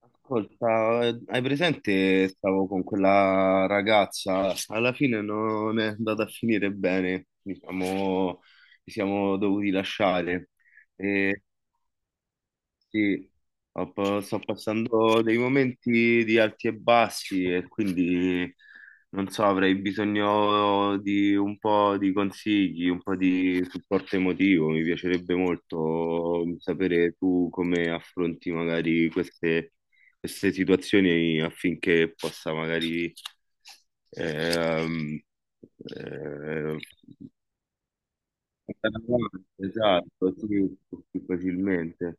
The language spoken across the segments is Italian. Ascolta, hai presente? Stavo con quella ragazza, alla fine non è andata a finire bene, diciamo, ci siamo dovuti lasciare. Sì, sto passando dei momenti di alti e bassi e quindi non so, avrei bisogno di un po' di consigli, un po' di supporto emotivo. Mi piacerebbe molto sapere tu come affronti magari queste situazioni affinché possa magari ehm, eh, andare avanti, esatto, sì, più facilmente.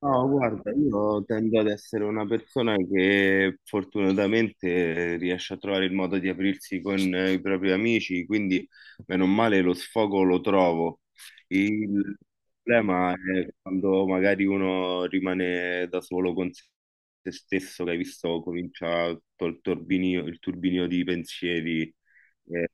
No, guarda, io tendo ad essere una persona che fortunatamente riesce a trovare il modo di aprirsi con i propri amici, quindi meno male lo sfogo lo trovo. Il problema è quando magari uno rimane da solo con se stesso, che hai visto comincia col turbinio, il turbinio di pensieri. eh,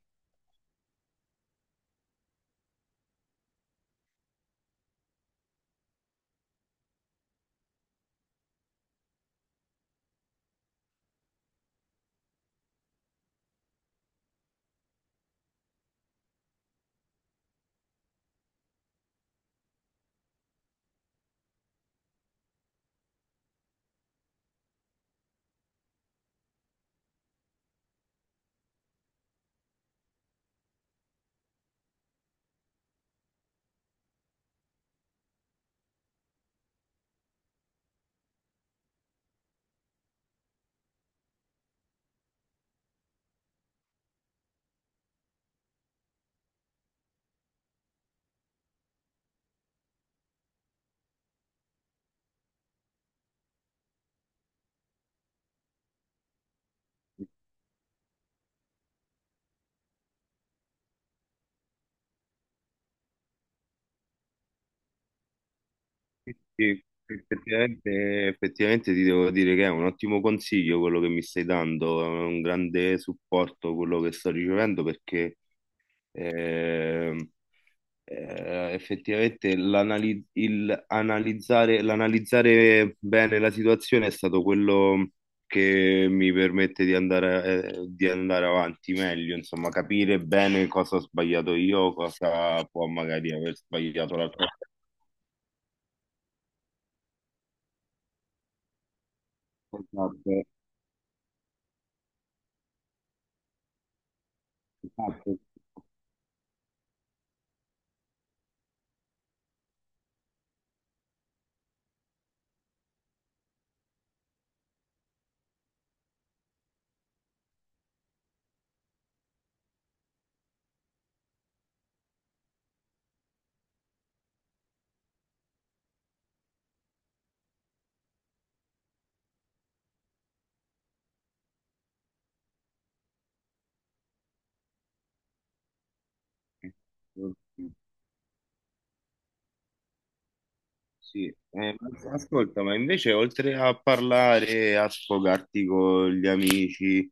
Sì, sì, effettivamente ti devo dire che è un ottimo consiglio quello che mi stai dando, è un grande supporto quello che sto ricevendo perché ehm, effettivamente l'analizzare bene la situazione è stato quello che mi permette di andare avanti meglio, insomma, capire bene cosa ho sbagliato io, cosa può magari aver sbagliato l'altra persona. Esatto, esatto. Mm. Sì, ma ascolta, ma invece oltre a parlare, a sfogarti con gli amici,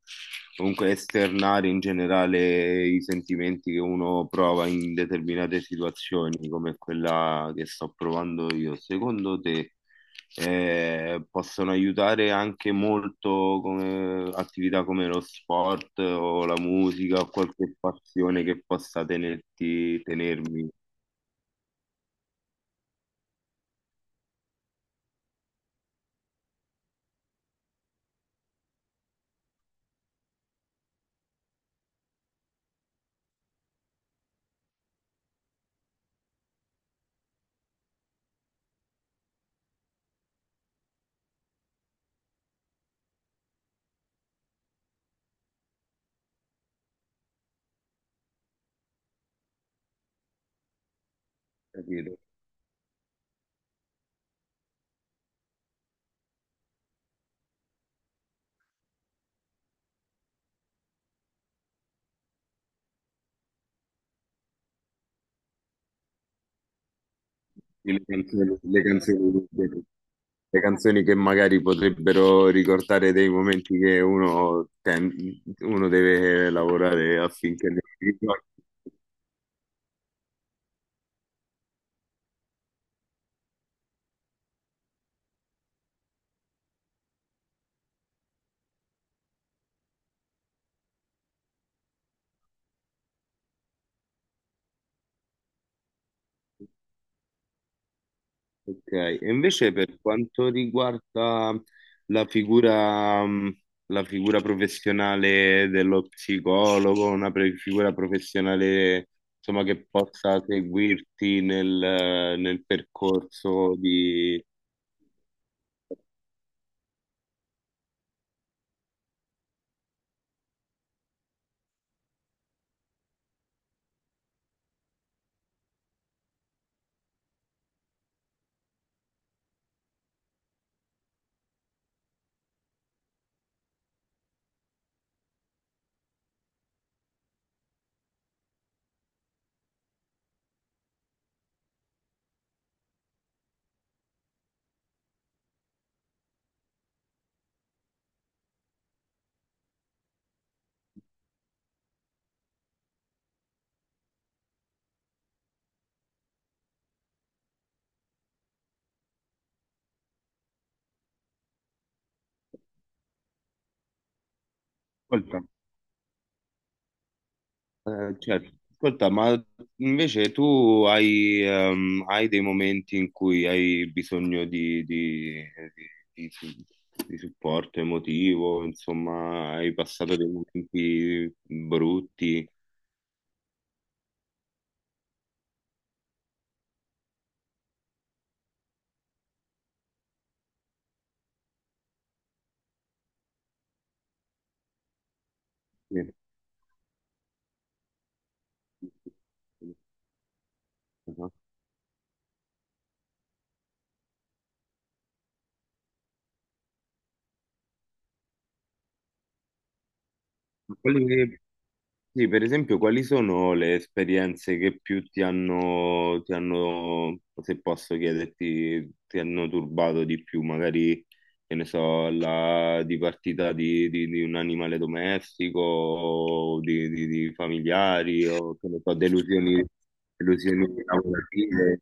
comunque esternare in generale i sentimenti che uno prova in determinate situazioni, come quella che sto provando io, secondo te possono aiutare anche molto come attività come lo sport o la musica o qualche passione che possa tenermi? Capito? Le canzoni, lunghe, le canzoni che magari potrebbero ricordare dei momenti che uno deve lavorare affinché li ricordi. Ok, e invece per quanto riguarda la figura, mh, la figura professionale dello psicologo, figura professionale insomma, che possa seguirti nel, nel percorso di... certo. Ascolta, ma invece tu hai, hai dei momenti in cui hai bisogno di, di- di- di supporto emotivo, insomma, hai passato dei momenti brutti. Sì. Ma quelli, sì, per esempio, quali sono le esperienze che più ti hanno, se posso chiederti, ti hanno turbato di più? Magari, che ne so, la dipartita di, di un animale domestico, o di, di familiari, o che ne so, delusioni, delusioni lavorative.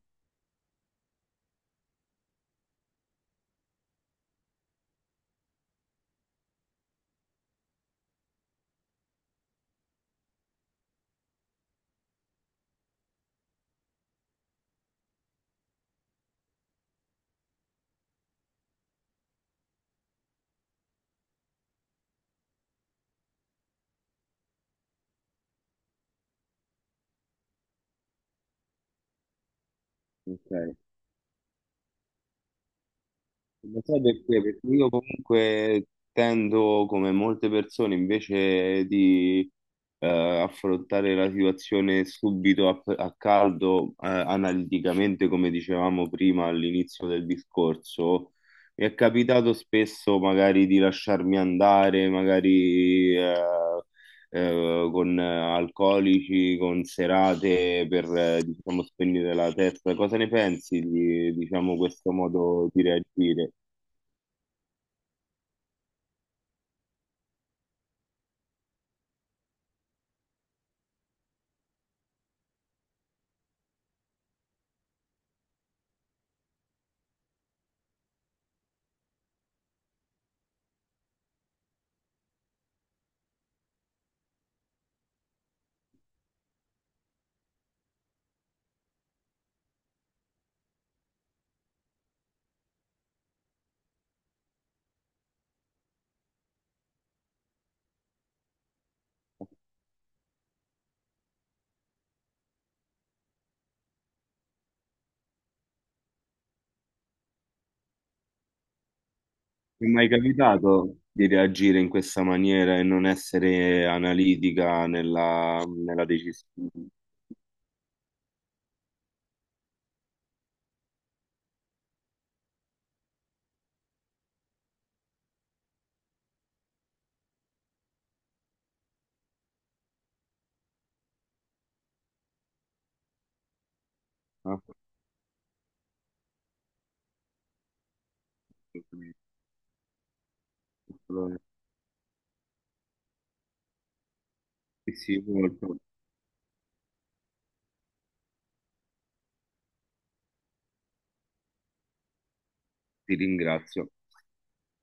Ok. Lo sai perché? Perché io comunque tendo, come molte persone, invece di eh, affrontare la situazione subito a, a caldo, analiticamente, come dicevamo prima all'inizio del discorso, mi è capitato spesso magari di lasciarmi andare, magari con alcolici, con serate per, diciamo, spegnere la testa. Cosa ne pensi di, diciamo, questo modo di reagire? Mi è mai capitato di reagire in questa maniera e non essere analitica nella, nella decisione? Ah, sì, sì, molto. Ti ringrazio.